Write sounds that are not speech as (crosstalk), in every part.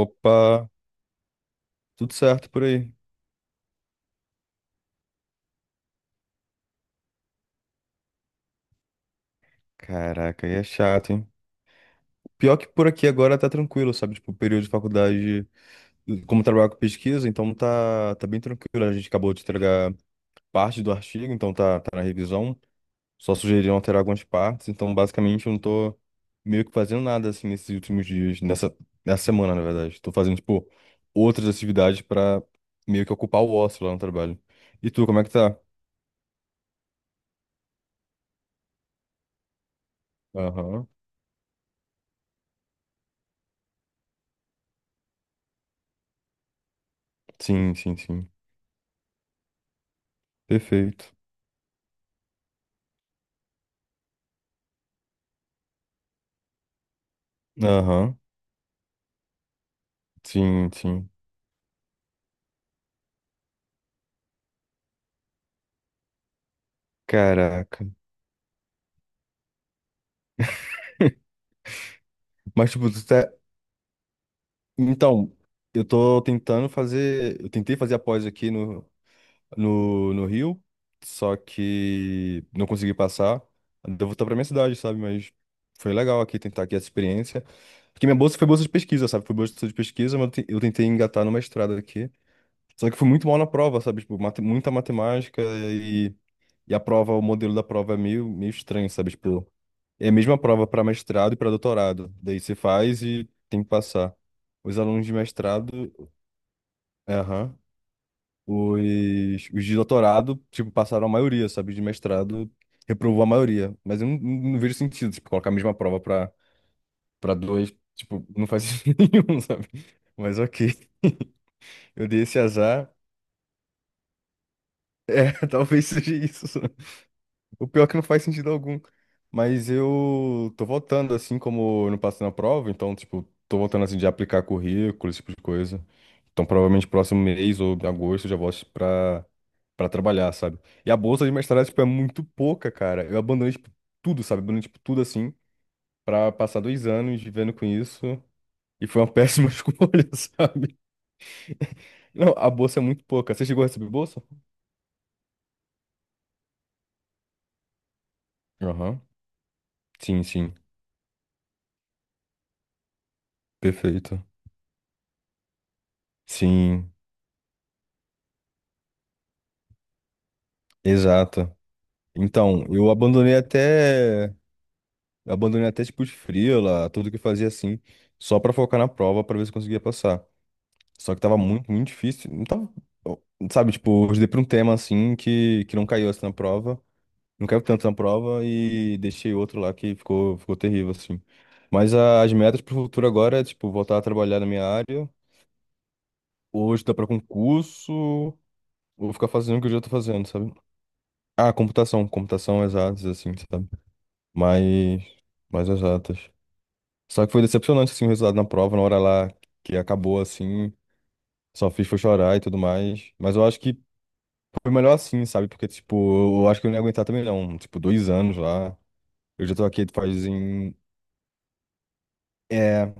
Opa, tudo certo por aí? Caraca, aí é chato, hein? Pior que por aqui agora tá tranquilo, sabe? Tipo, o período de faculdade, como trabalho com pesquisa, então tá bem tranquilo. A gente acabou de entregar parte do artigo, então tá na revisão. Só sugeriram alterar algumas partes, então basicamente eu não tô meio que fazendo nada assim nesses últimos dias, nessa semana, na verdade. Tô fazendo, tipo, outras atividades pra meio que ocupar o ócio lá no trabalho. E tu, como é que tá? Aham. Sim, sim, sim. Perfeito. Aham. Sim, sim. Caraca. (laughs) Mas, tipo, tu tá... Então, eu tô tentando fazer. Eu tentei fazer a pós aqui no, no, no Rio, só que não consegui passar. Devo voltar pra minha cidade, sabe? Mas foi legal aqui tentar aqui essa experiência. Porque minha bolsa foi bolsa de pesquisa, sabe? Foi bolsa de pesquisa, mas eu tentei engatar numa estrada aqui. Só que eu fui muito mal na prova, sabe? Tipo, muita matemática e a prova, o modelo da prova é meio estranho, sabe? Tipo, é a mesma prova para mestrado e para doutorado. Daí você faz e tem que passar. Os alunos de mestrado, é, aham. Os de doutorado, tipo, passaram a maioria, sabe? De mestrado reprovou a maioria. Mas eu não, não- não vejo sentido, tipo, colocar a mesma prova para dois, tipo, não faz (laughs) sentido nenhum, sabe? Mas ok. (laughs) Eu dei esse azar, (laughs) talvez seja isso. O pior é que não faz sentido algum. Mas eu tô voltando, assim, como eu não passei na prova, então, tipo, tô voltando, assim, de aplicar currículo, esse tipo de coisa. Então, provavelmente, próximo mês ou em agosto eu já volto pra trabalhar, sabe? E a bolsa de mestrado, tipo, é muito pouca, cara. Eu abandonei, tipo, tudo, sabe? Abandonei, tipo, tudo, assim, pra passar dois anos vivendo com isso. E foi uma péssima (laughs) escolha, sabe? Não, a bolsa é muito pouca. Você chegou a receber bolsa? Aham. Sim, sim. Perfeito. Sim, exato. Então, eu abandonei até. Abandonei até tipo de freela, tudo que eu fazia assim, só pra focar na prova, pra ver se eu conseguia passar. Só que tava muito difícil. Então tava, sabe, tipo, eu dei pra um tema assim que não caiu assim na prova, não caiu tanto na prova e deixei outro lá que ficou, ficou terrível, assim. Mas as metas pro futuro agora é, tipo, voltar a trabalhar na minha área, ou estudar pra concurso, ou ficar fazendo o que eu já tô fazendo, sabe? Ah, computação exatas, assim, sabe? Mais, mais exatas. Só que foi decepcionante, assim, o resultado na prova, na hora lá que acabou, assim, só fiz foi chorar e tudo mais. Mas eu acho que foi melhor assim, sabe? Porque, tipo, eu acho que eu não ia aguentar também não. Tipo, dois anos lá. Eu já tô aqui fazem é,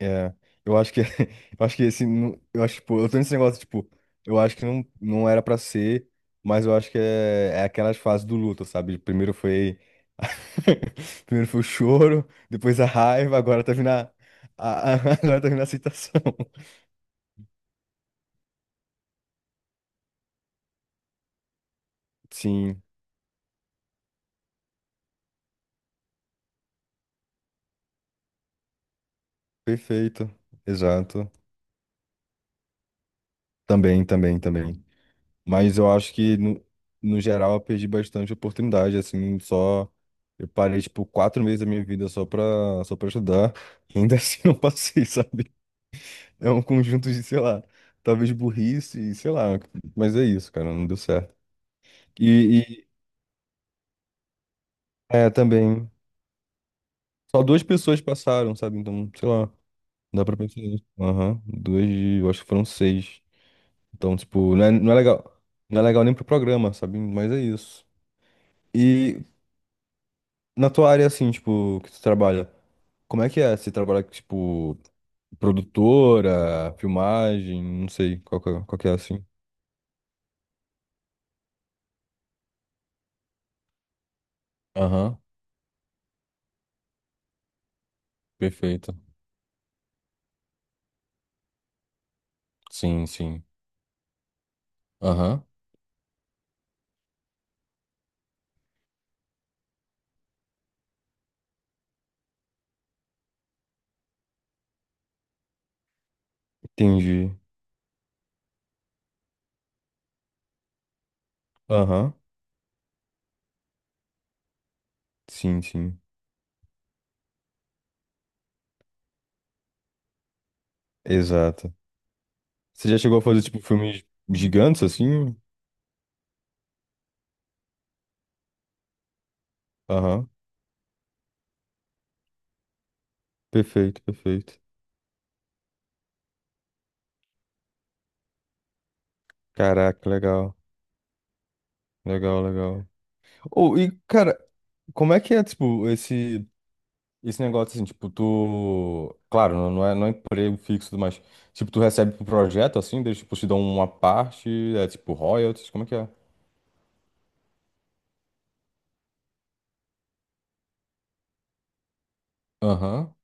é, eu acho que, (laughs) eu acho que eu acho, tipo, eu tô nesse negócio, tipo, eu acho que não era pra ser, mas eu acho que é aquelas fases do luto, sabe? Primeiro foi, (laughs) primeiro foi o choro, depois a raiva, agora tá vindo a, a- a- (laughs) agora tá vindo a aceitação. Sim, perfeito, exato. Também, também, também. Mas eu acho que, no geral, eu perdi bastante oportunidade, assim, só... Eu parei, tipo, quatro meses da minha vida só pra estudar, e ainda (laughs) assim não passei, sabe? É um conjunto de, sei lá, talvez burrice, sei lá, mas é isso, cara, não deu certo. E, e é, também, só duas pessoas passaram, sabe? Então, sei lá, dá pra pensar nisso. Aham, duas, eu acho que foram seis. Então, tipo, não é legal, não é legal nem pro programa, sabe? Mas é isso. E na tua área, assim, tipo, que tu trabalha, como é que é? Você trabalha, tipo, produtora, filmagem, não sei, qual que é, assim? Aham, perfeito. Sim, sim. Aham. Entendi. Aham, sim, sim. Exato. Você já chegou a fazer, tipo, filmes gigantes, assim? Aham, perfeito, perfeito. Caraca, legal, legal, legal. Ô, e, cara, como é que é, tipo, esse... Esse negócio assim, tipo, tu. Claro, não é, não é emprego fixo, e tudo mais. Tipo, tu recebe pro projeto assim, eles tipo, te dão uma parte, é tipo royalties, como é que é? Aham.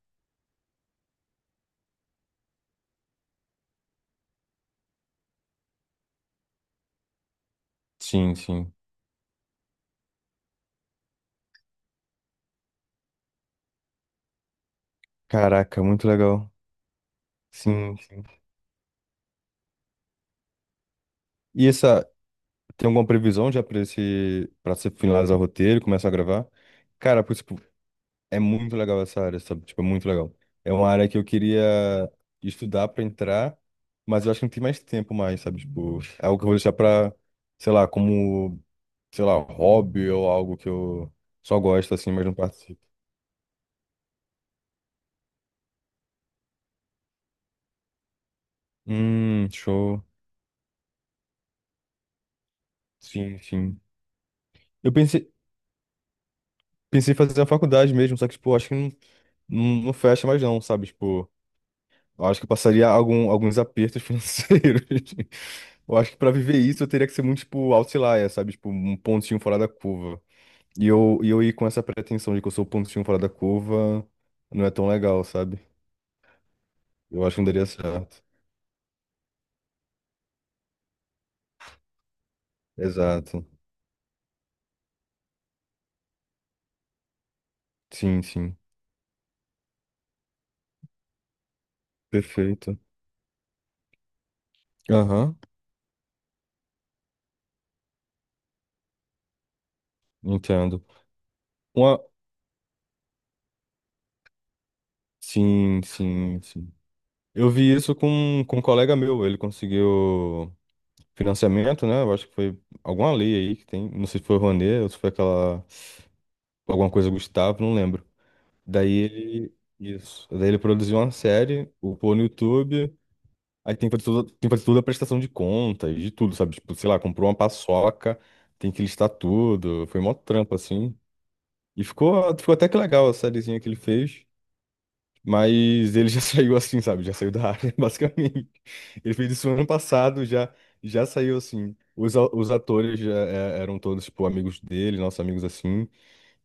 Sim, sim. Caraca, muito legal. Sim, sim. E essa, tem alguma previsão já pra esse, para você finalizar o roteiro, e começar a gravar? Cara, é muito legal essa área, sabe? Tipo, é muito legal. É uma área que eu queria estudar pra entrar, mas eu acho que não tem mais tempo mais, sabe? Tipo, é algo que eu vou deixar pra, sei lá, como, sei lá, hobby ou algo que eu só gosto, assim, mas não participo. Show. Sim, sim. Eu pensei, pensei em fazer a faculdade mesmo, só que, tipo, acho que não fecha mais não, sabe? Tipo, eu acho que eu passaria alguns apertos (laughs) financeiros. Eu acho que pra viver isso eu teria que ser muito, tipo, outlier, sabe? Tipo, um pontinho fora da curva. E eu ir com essa pretensão de que eu sou o pontinho fora da curva não é tão legal, sabe? Eu acho que não daria certo. Exato. Sim, sim. Perfeito. Aham, entendo. Uma... Sim, sim, sim. Eu vi isso com um colega meu. Ele conseguiu financiamento, né? Eu acho que foi alguma lei aí que tem. Não sei se foi o Rouanet ou se foi aquela alguma coisa Gustavo, não lembro. Daí ele, isso, daí ele produziu uma série, upou no YouTube, aí tem que fazer toda a prestação de contas, de tudo, sabe? Tipo, sei lá, comprou uma paçoca, tem que listar tudo, foi mó trampo, assim. E ficou, ficou até que legal a sériezinha que ele fez, mas ele já (laughs) saiu assim, sabe? Já saiu da área, (laughs) basicamente. Ele fez isso ano passado, já, já saiu assim. Os atores já é, eram todos, tipo, amigos dele, nossos amigos assim.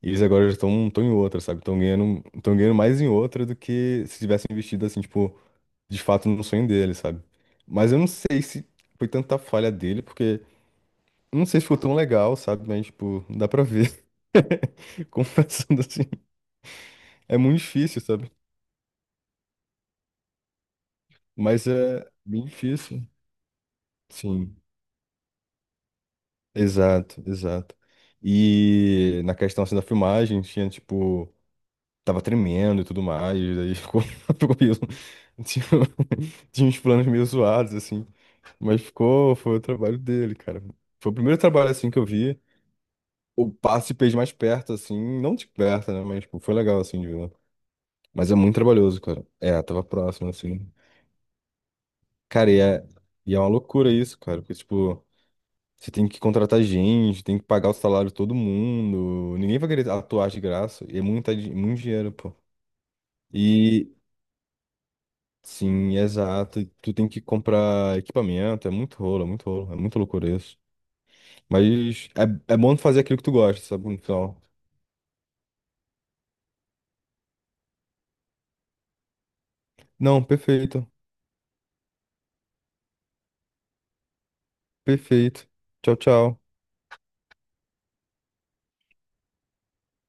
E eles agora já estão tão em outra, sabe? Estão estão ganhando mais em outra do que se tivessem investido, assim, tipo, de fato no sonho dele, sabe? Mas eu não sei se foi tanta falha dele, porque eu não sei se ficou tão legal, sabe? Mas, tipo, dá pra ver. (laughs) Confessando assim, é muito difícil, sabe? Mas é bem difícil. Sim, exato, exato. E na questão, assim, da filmagem, tinha, tipo, tava tremendo e tudo mais, daí ficou, (laughs) ficou meio, tinha, tinha uns planos meio zoados, assim, mas ficou, foi o trabalho dele, cara. Foi o primeiro trabalho, assim, que eu vi, o passe fez mais perto, assim, não de perto, né, mas, tipo, foi legal, assim, de ver. Mas é muito trabalhoso, cara. É, tava próximo, assim. Cara, e é uma loucura isso, cara, porque, tipo, você tem que contratar gente, tem que pagar o salário de todo mundo, ninguém vai querer atuar de graça, e é muita, muito dinheiro, pô. E, Sim, exato. E tu tem que comprar equipamento, é muito rolo, é muito rolo, é muito loucura isso. Mas é, é bom fazer aquilo que tu gosta, sabe? No final. Não, perfeito, perfeito. Tchau, tchau.